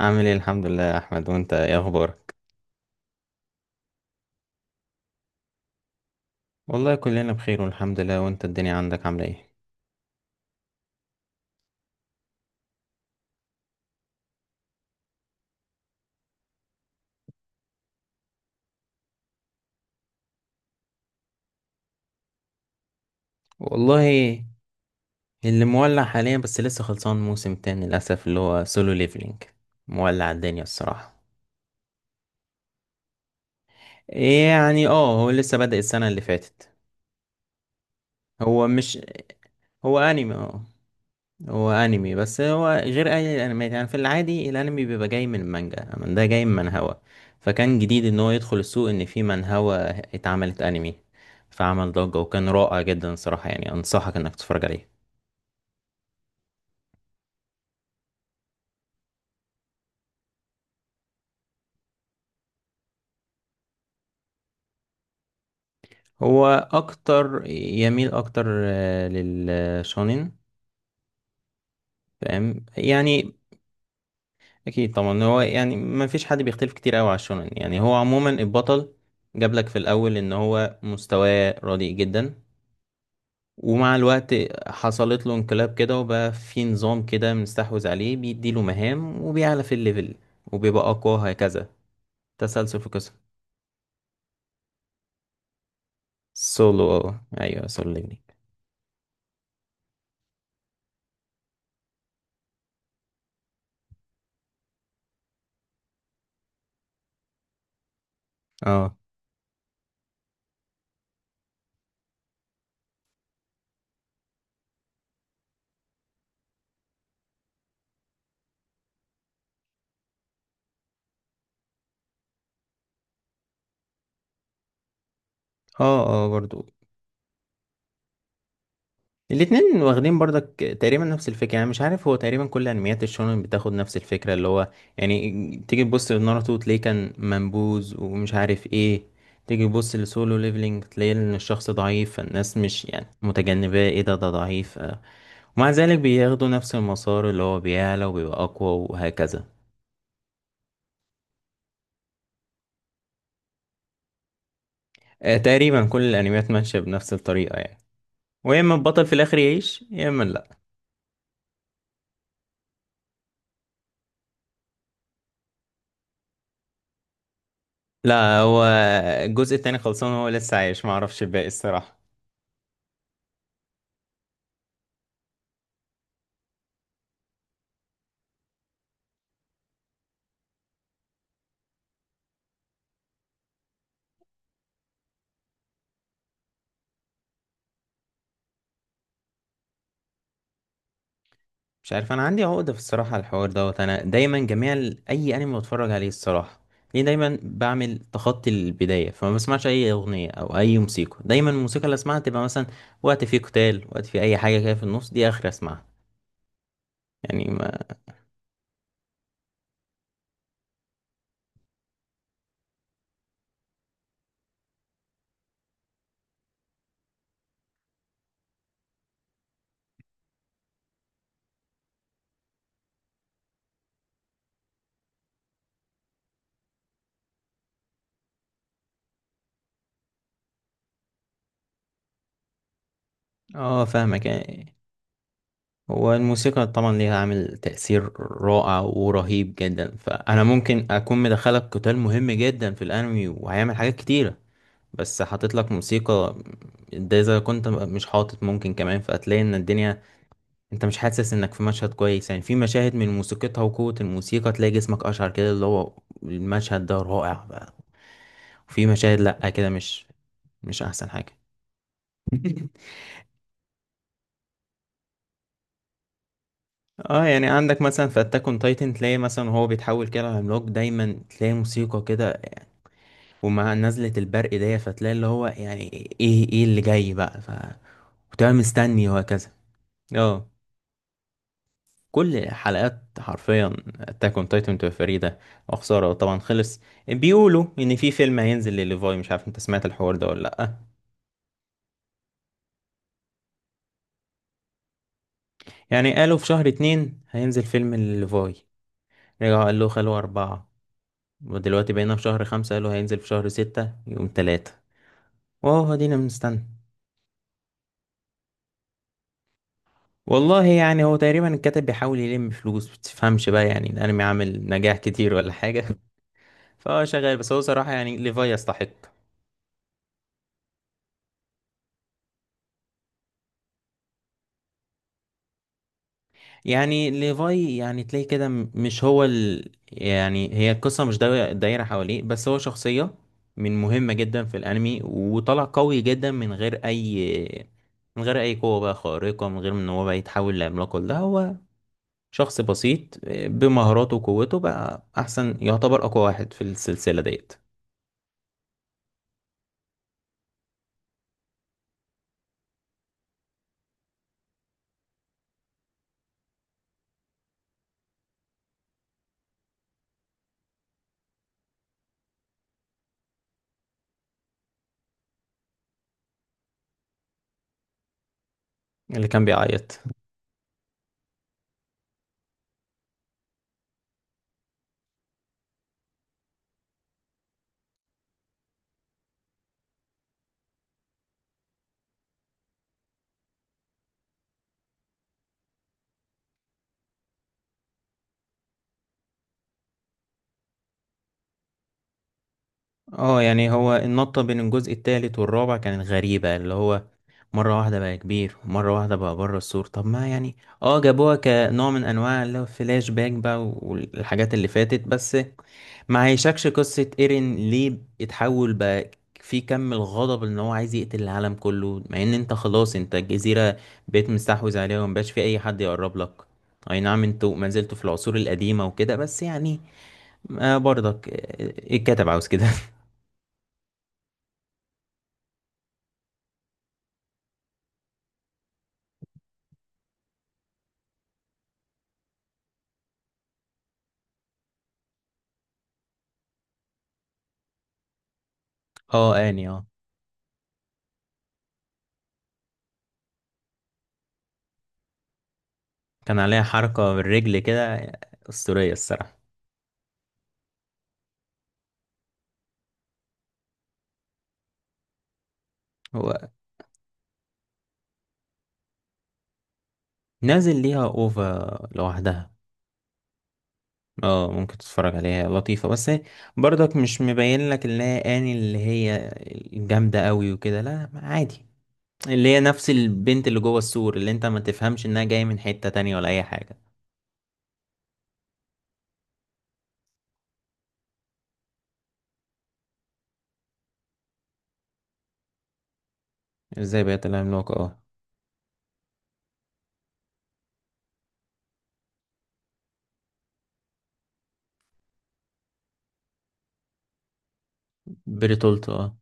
عامل ايه، الحمد لله يا احمد. وانت ايه اخبارك؟ والله كلنا بخير والحمد لله. وانت الدنيا عندك عامله ايه؟ والله اللي مولع حاليا، بس لسه خلصان موسم تاني للاسف، اللي هو سولو ليفلينج. مولع الدنيا الصراحه. إيه يعني؟ اه، هو لسه بدأ السنه اللي فاتت. هو مش هو انمي اه هو انمي بس هو غير اي الانميات. يعني في العادي الانمي بيبقى جاي من المانجا، اما ده جاي من منهوا. فكان جديد ان هو يدخل السوق ان في منهوا اتعملت انمي. فعمل ضجة وكان رائع جدا صراحة. يعني انصحك انك تتفرج عليه. هو اكتر يميل اكتر آه، للشونين. فاهم يعني؟ اكيد طبعا. هو يعني ما فيش حد بيختلف كتير قوي على الشونين. يعني هو عموما البطل جاب لك في الاول ان هو مستواه رديء جدا، ومع الوقت حصلت له انقلاب كده، وبقى في نظام كده مستحوذ عليه بيديله مهام وبيعلى في الليفل، وبيبقى أقوى هكذا. تسلسل في قصة سولو، اه ايوه، سولو ليفلينج. اه. اه برضو. الاتنين واخدين برضك تقريبا نفس الفكرة. يعني مش عارف، هو تقريبا كل انميات الشونن بتاخد نفس الفكرة، اللي هو يعني تيجي تبص لناروتو تلاقيه كان منبوذ ومش عارف ايه، تيجي تبص لسولو ليفلينج تلاقي ان الشخص ضعيف فالناس مش يعني متجنباه، ايه ده، ده ضعيف آه. ومع ذلك بياخدوا نفس المسار اللي هو بيعلى وبيبقى أقوى وهكذا. آه، تقريبا كل الأنميات ماشية بنفس الطريقة يعني. ويا إما البطل في الآخر يعيش يا إما لأ. لا هو الجزء التاني خلصان، هو لسه عايش، معرفش الباقي الصراحة. مش عارف، أنا عندي عقدة في الصراحة على الحوار دوت. أنا دايما جميع أي أنمي بتفرج عليه الصراحة، ليه دايما بعمل تخطي البداية، فما بسمعش أي أغنية أو أي موسيقى. دايما الموسيقى اللي أسمعها تبقى مثلا وقت فيه قتال، وقت فيه أي حاجة كده في النص، دي آخر أسمعها. يعني ما اه فاهمك يعني. هو الموسيقى طبعا ليها عامل تأثير رائع ورهيب جدا. فأنا ممكن أكون مدخلك قتال مهم جدا في الأنمي وهيعمل حاجات كتيرة بس حاطط لك موسيقى، ده إذا كنت مش حاطط ممكن كمان، فهتلاقي إن الدنيا أنت مش حاسس إنك في مشهد كويس. يعني في مشاهد من موسيقتها وقوة الموسيقى تلاقي جسمك أشعر كده، اللي هو المشهد ده رائع بقى. وفي مشاهد لأ، كده مش مش أحسن حاجة. اه، يعني عندك مثلا في اتاك اون تايتن، تلاقي مثلا وهو بيتحول كده لعملاق دايما تلاقي موسيقى كده ومع نزلة البرق دي، فتلاقي اللي هو يعني ايه ايه اللي جاي بقى، ف وتبقى مستني وهكذا. اه، كل حلقات حرفيا اتاك اون تايتن بتبقى فريدة. وخسارة طبعا خلص. بيقولوا ان في فيلم هينزل لليفاي، مش عارف انت سمعت الحوار ده ولا لأ. يعني قالوا في شهر اتنين هينزل فيلم لليفاي، رجعوا قالوا خلوه اربعة، ودلوقتي بقينا في شهر خمسة قالوا هينزل في شهر ستة يوم تلاتة. واهو دينا بنستنى. والله يعني هو تقريبا الكاتب بيحاول يلم فلوس، بتفهمش بقى، يعني الانمي عامل نجاح كتير ولا حاجه. فهو شغال، بس هو صراحه يعني ليفاي يستحق. يعني ليفاي يعني تلاقي كده مش هو ال... يعني هي القصه مش داي- دايره حواليه بس، هو شخصيه من مهمه جدا في الانمي. وطلع قوي جدا من غير اي، من غير اي قوه بقى خارقه، من غير ان هو بقى يتحول لعملاق. لا، هو شخص بسيط آه، بمهاراته وقوته بقى، احسن، يعتبر اقوى واحد في السلسلة ديت. اللي كان بيعيط. اه يعني هو النطة بين الجزء التالت والرابع كانت غريبة، اللي هو مرة واحدة بقى كبير ومرة واحدة بقى بره السور. طب ما يعني، اه جابوها كنوع من انواع اللي هو فلاش باك بقى والحاجات اللي فاتت، بس ما عيشكش قصة ايرين ليه اتحول بقى، في كم الغضب ان هو عايز يقتل العالم كله، مع ان انت خلاص انت الجزيرة بقيت مستحوذ عليها، ومبقاش في اي حد يقرب لك. اي نعم انتوا ما زلتوا في العصور القديمة وكده، بس يعني. آه برضك آه، الكاتب عاوز كده. اه اني اه، كان عليها حركة بالرجل كده أسطورية الصراحة. هو نازل ليها اوفا لوحدها. اه ممكن تتفرج عليها لطيفة، بس هي برضك مش مبين لك اللي هي اني، اللي هي الجامدة قوي وكده، لا عادي، اللي هي نفس البنت اللي جوه السور، اللي انت ما تفهمش انها جاية من حتة تانية ولا اي حاجة. ازاي بقت العملاقة، اه. بريتولت اه.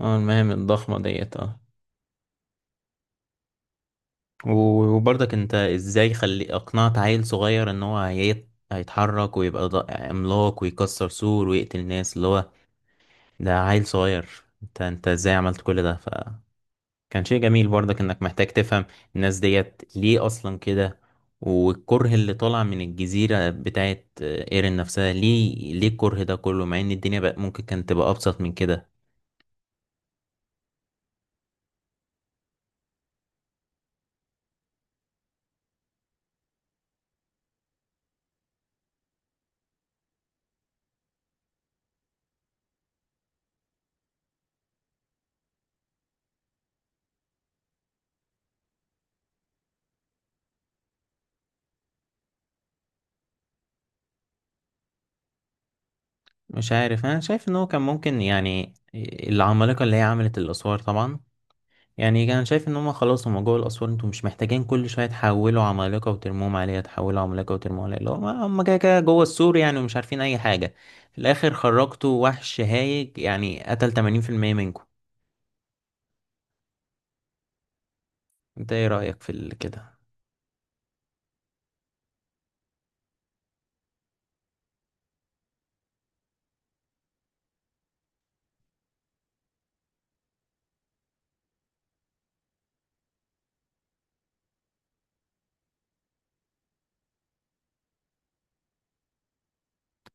اه المهم الضخمة ديت اه. وبرضك انت ازاي خلي اقنعت عيل صغير ان هو هيتحرك ويبقى عملاق ويكسر سور ويقتل ناس، اللي هو ده عيل صغير، انت انت ازاي عملت كل ده؟ فكان شيء جميل برضك، انك محتاج تفهم الناس ديت ليه اصلا كده، والكره اللي طالع من الجزيرة بتاعت ايرين نفسها، ليه الكره ده كله، مع ان الدنيا بقى ممكن كانت تبقى ابسط من كده. مش عارف، انا شايف ان هو كان ممكن يعني، العمالقة اللي هي عملت الاسوار طبعا، يعني انا شايف ان هم خلاص هم جوه الاسوار، انتوا مش محتاجين كل شويه تحولوا عمالقه وترموهم عليها، تحولوا عمالقه وترموهم عليها، اللي هم هم كده كده جوه السور يعني، ومش عارفين اي حاجه، في الاخر خرجتوا وحش هايج يعني قتل 80% منكم. انت ايه رايك في كده؟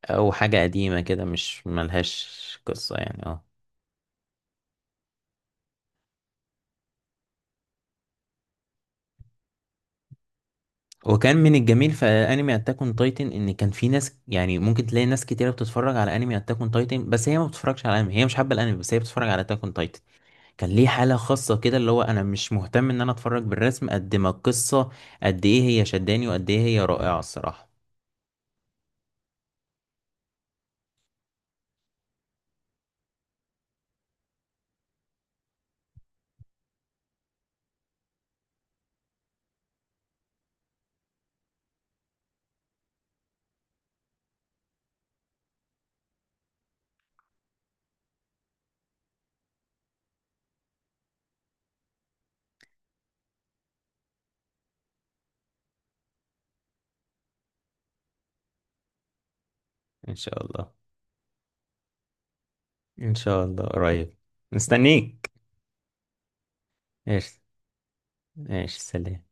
او حاجه قديمه كده مش ملهاش قصه يعني، اه. وكان من الجميل في انمي اتاك اون تايتن ان كان في ناس، يعني ممكن تلاقي ناس كتيره بتتفرج على انمي اتاك اون تايتن، بس هي ما بتتفرجش على انمي، هي مش حابه الانمي، بس هي بتتفرج على اتاك اون تايتن. كان ليه حالة خاصة كده، اللي هو أنا مش مهتم إن أنا أتفرج بالرسم قد ما القصة قد إيه هي شداني، وقد إيه هي رائعة الصراحة. إن شاء الله. إن شاء الله قريب، مستنيك. إيش إيش سلام.